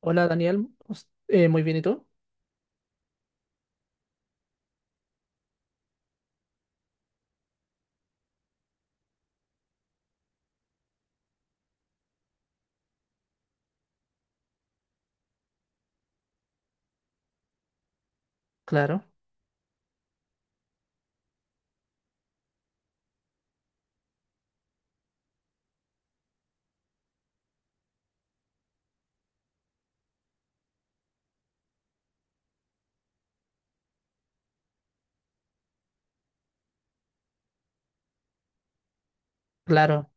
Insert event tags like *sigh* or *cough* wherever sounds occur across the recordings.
Hola Daniel, muy bien, ¿y tú? Claro, claro.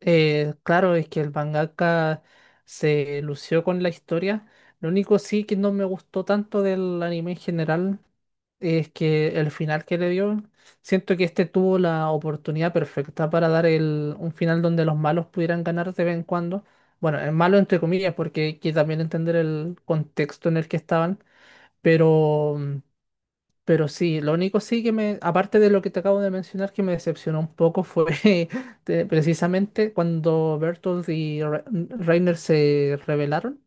Claro, es que el mangaka se lució con la historia. Lo único sí que no me gustó tanto del anime en general es que el final que le dio, siento que este tuvo la oportunidad perfecta para dar un final donde los malos pudieran ganar de vez en cuando. Bueno, el malo entre comillas, porque hay que también entender el contexto en el que estaban, pero... pero sí, lo único sí que aparte de lo que te acabo de mencionar, que me decepcionó un poco fue *laughs* precisamente cuando Bertolt y Reiner se rebelaron,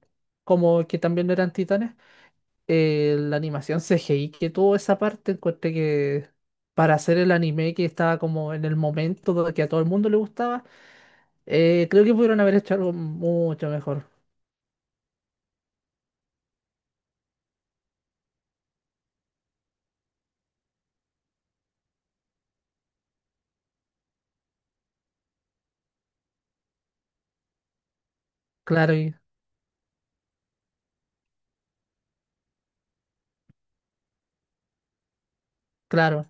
como que también no eran titanes, la animación CGI que tuvo esa parte, encontré que para hacer el anime que estaba como en el momento que a todo el mundo le gustaba, creo que pudieron haber hecho algo mucho mejor. Claro, y, claro.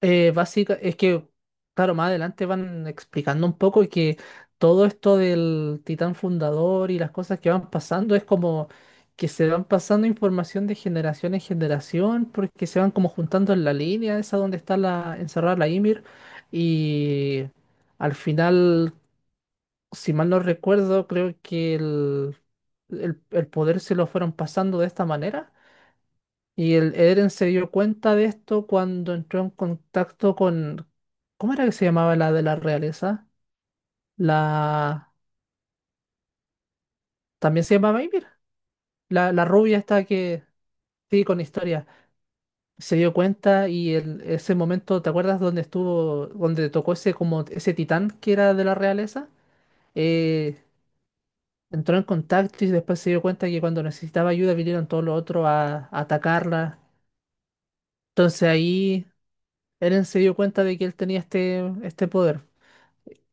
Es que, claro, más adelante van explicando un poco y que todo esto del titán fundador y las cosas que van pasando es como que se van pasando información de generación en generación porque se van como juntando en la línea esa donde está la encerrada la Ymir y al final, si mal no recuerdo, creo que el poder se lo fueron pasando de esta manera. Y el Eren se dio cuenta de esto cuando entró en contacto con... ¿Cómo era que se llamaba la de la realeza? La... También se llamaba Ymir. La rubia esta que... Sí, con historia. Se dio cuenta ese momento, ¿te acuerdas donde estuvo, donde tocó ese como ese titán que era de la realeza? Eh, entró en contacto y después se dio cuenta que cuando necesitaba ayuda vinieron todos los otros a atacarla. Entonces ahí Eren se dio cuenta de que él tenía este poder.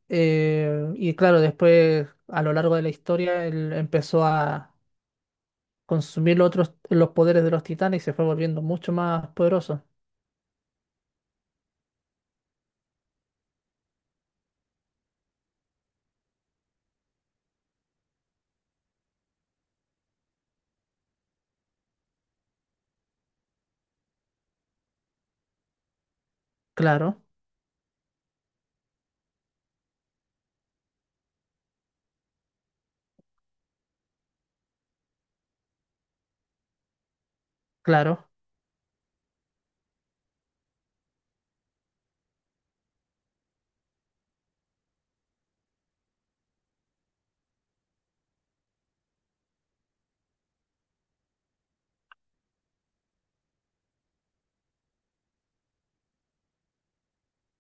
Y claro, después a lo largo de la historia él empezó a consumir los otros, los poderes de los titanes y se fue volviendo mucho más poderoso. Claro, claro.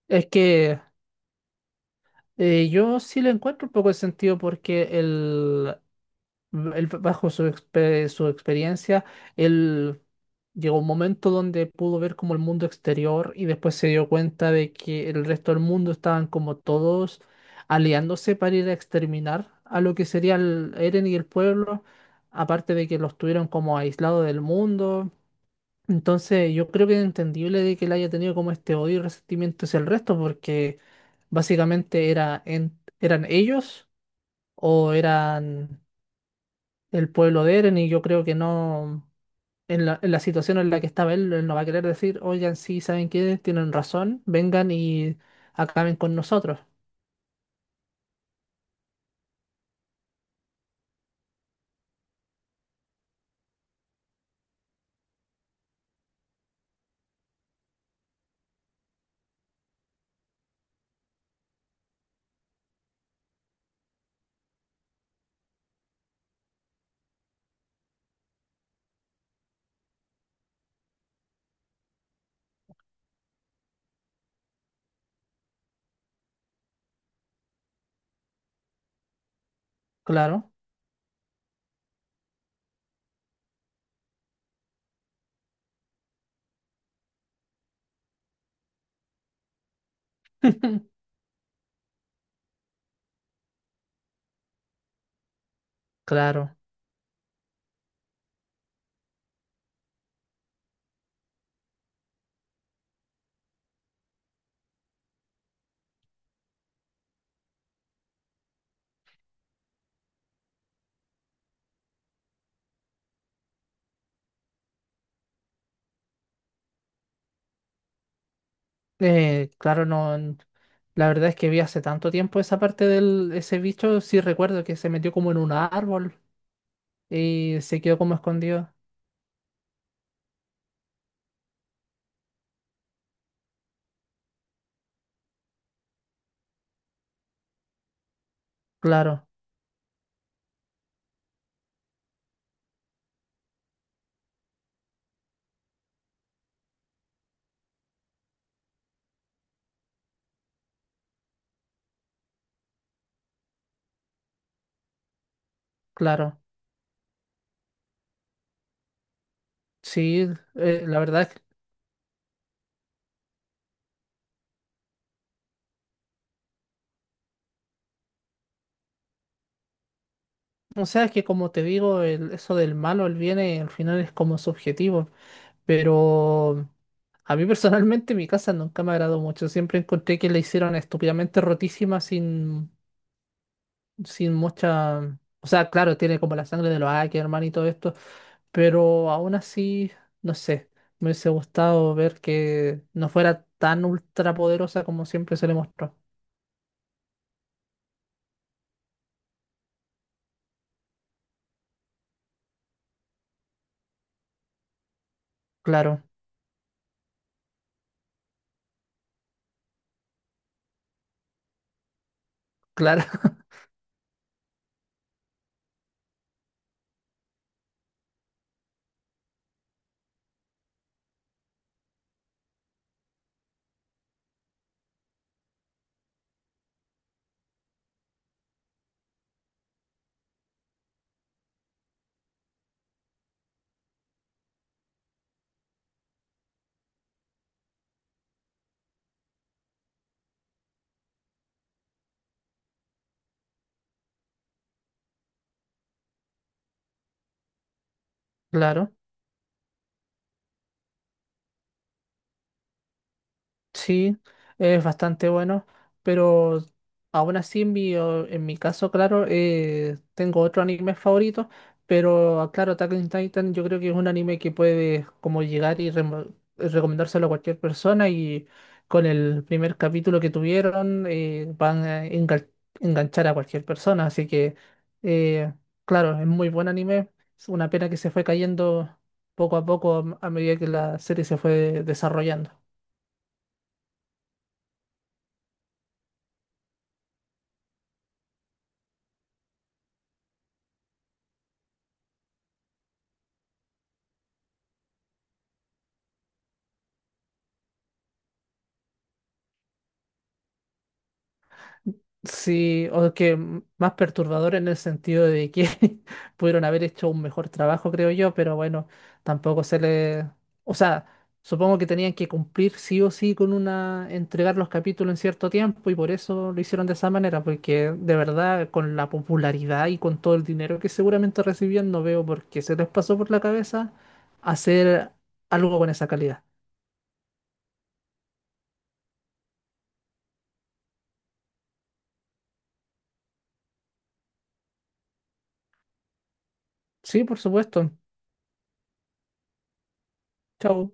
Es que yo sí le encuentro un poco de sentido porque él, bajo su experiencia, él llegó a un momento donde pudo ver como el mundo exterior y después se dio cuenta de que el resto del mundo estaban como todos aliándose para ir a exterminar a lo que sería el Eren y el pueblo, aparte de que los tuvieron como aislados del mundo. Entonces, yo creo que es entendible de que él haya tenido como este odio y resentimiento hacia el resto, porque básicamente eran ellos o eran el pueblo de Eren y yo creo que no, en en la situación en la que estaba él, él no va a querer decir, oigan, sí, ¿saben qué? Tienen razón, vengan y acaben con nosotros. Claro, *laughs* claro, claro, no. n- la verdad es que vi hace tanto tiempo esa parte del ese bicho, sí recuerdo que se metió como en un árbol y se quedó como escondido. Claro, claro, sí, la verdad es que, o sea, es que como te digo, eso del malo, el bien, al final es como subjetivo. Pero a mí personalmente mi casa nunca me agradó mucho. Siempre encontré que la hicieron estúpidamente rotísima sin, sin mucha... O sea, claro, tiene como la sangre de los Ackerman y todo esto, pero aún así, no sé, me hubiese gustado ver que no fuera tan ultrapoderosa como siempre se le mostró. Claro, claro, *laughs* claro. Sí, es bastante bueno, pero aún así en en mi caso, claro, tengo otro anime favorito, pero ah, claro, Attack on Titan yo creo que es un anime que puede como llegar y recomendárselo a cualquier persona y con el primer capítulo que tuvieron van a enganchar a cualquier persona, así que eh, claro, es muy buen anime, es una pena que se fue cayendo poco a poco a medida que la serie se fue desarrollando. Sí, o que más perturbador en el sentido de que *laughs* pudieron haber hecho un mejor trabajo, creo yo, pero bueno, tampoco se le... O sea, supongo que tenían que cumplir sí o sí con una... entregar los capítulos en cierto tiempo y por eso lo hicieron de esa manera, porque de verdad, con la popularidad y con todo el dinero que seguramente recibían, no veo por qué se les pasó por la cabeza hacer algo con esa calidad. Sí, por supuesto. Chao.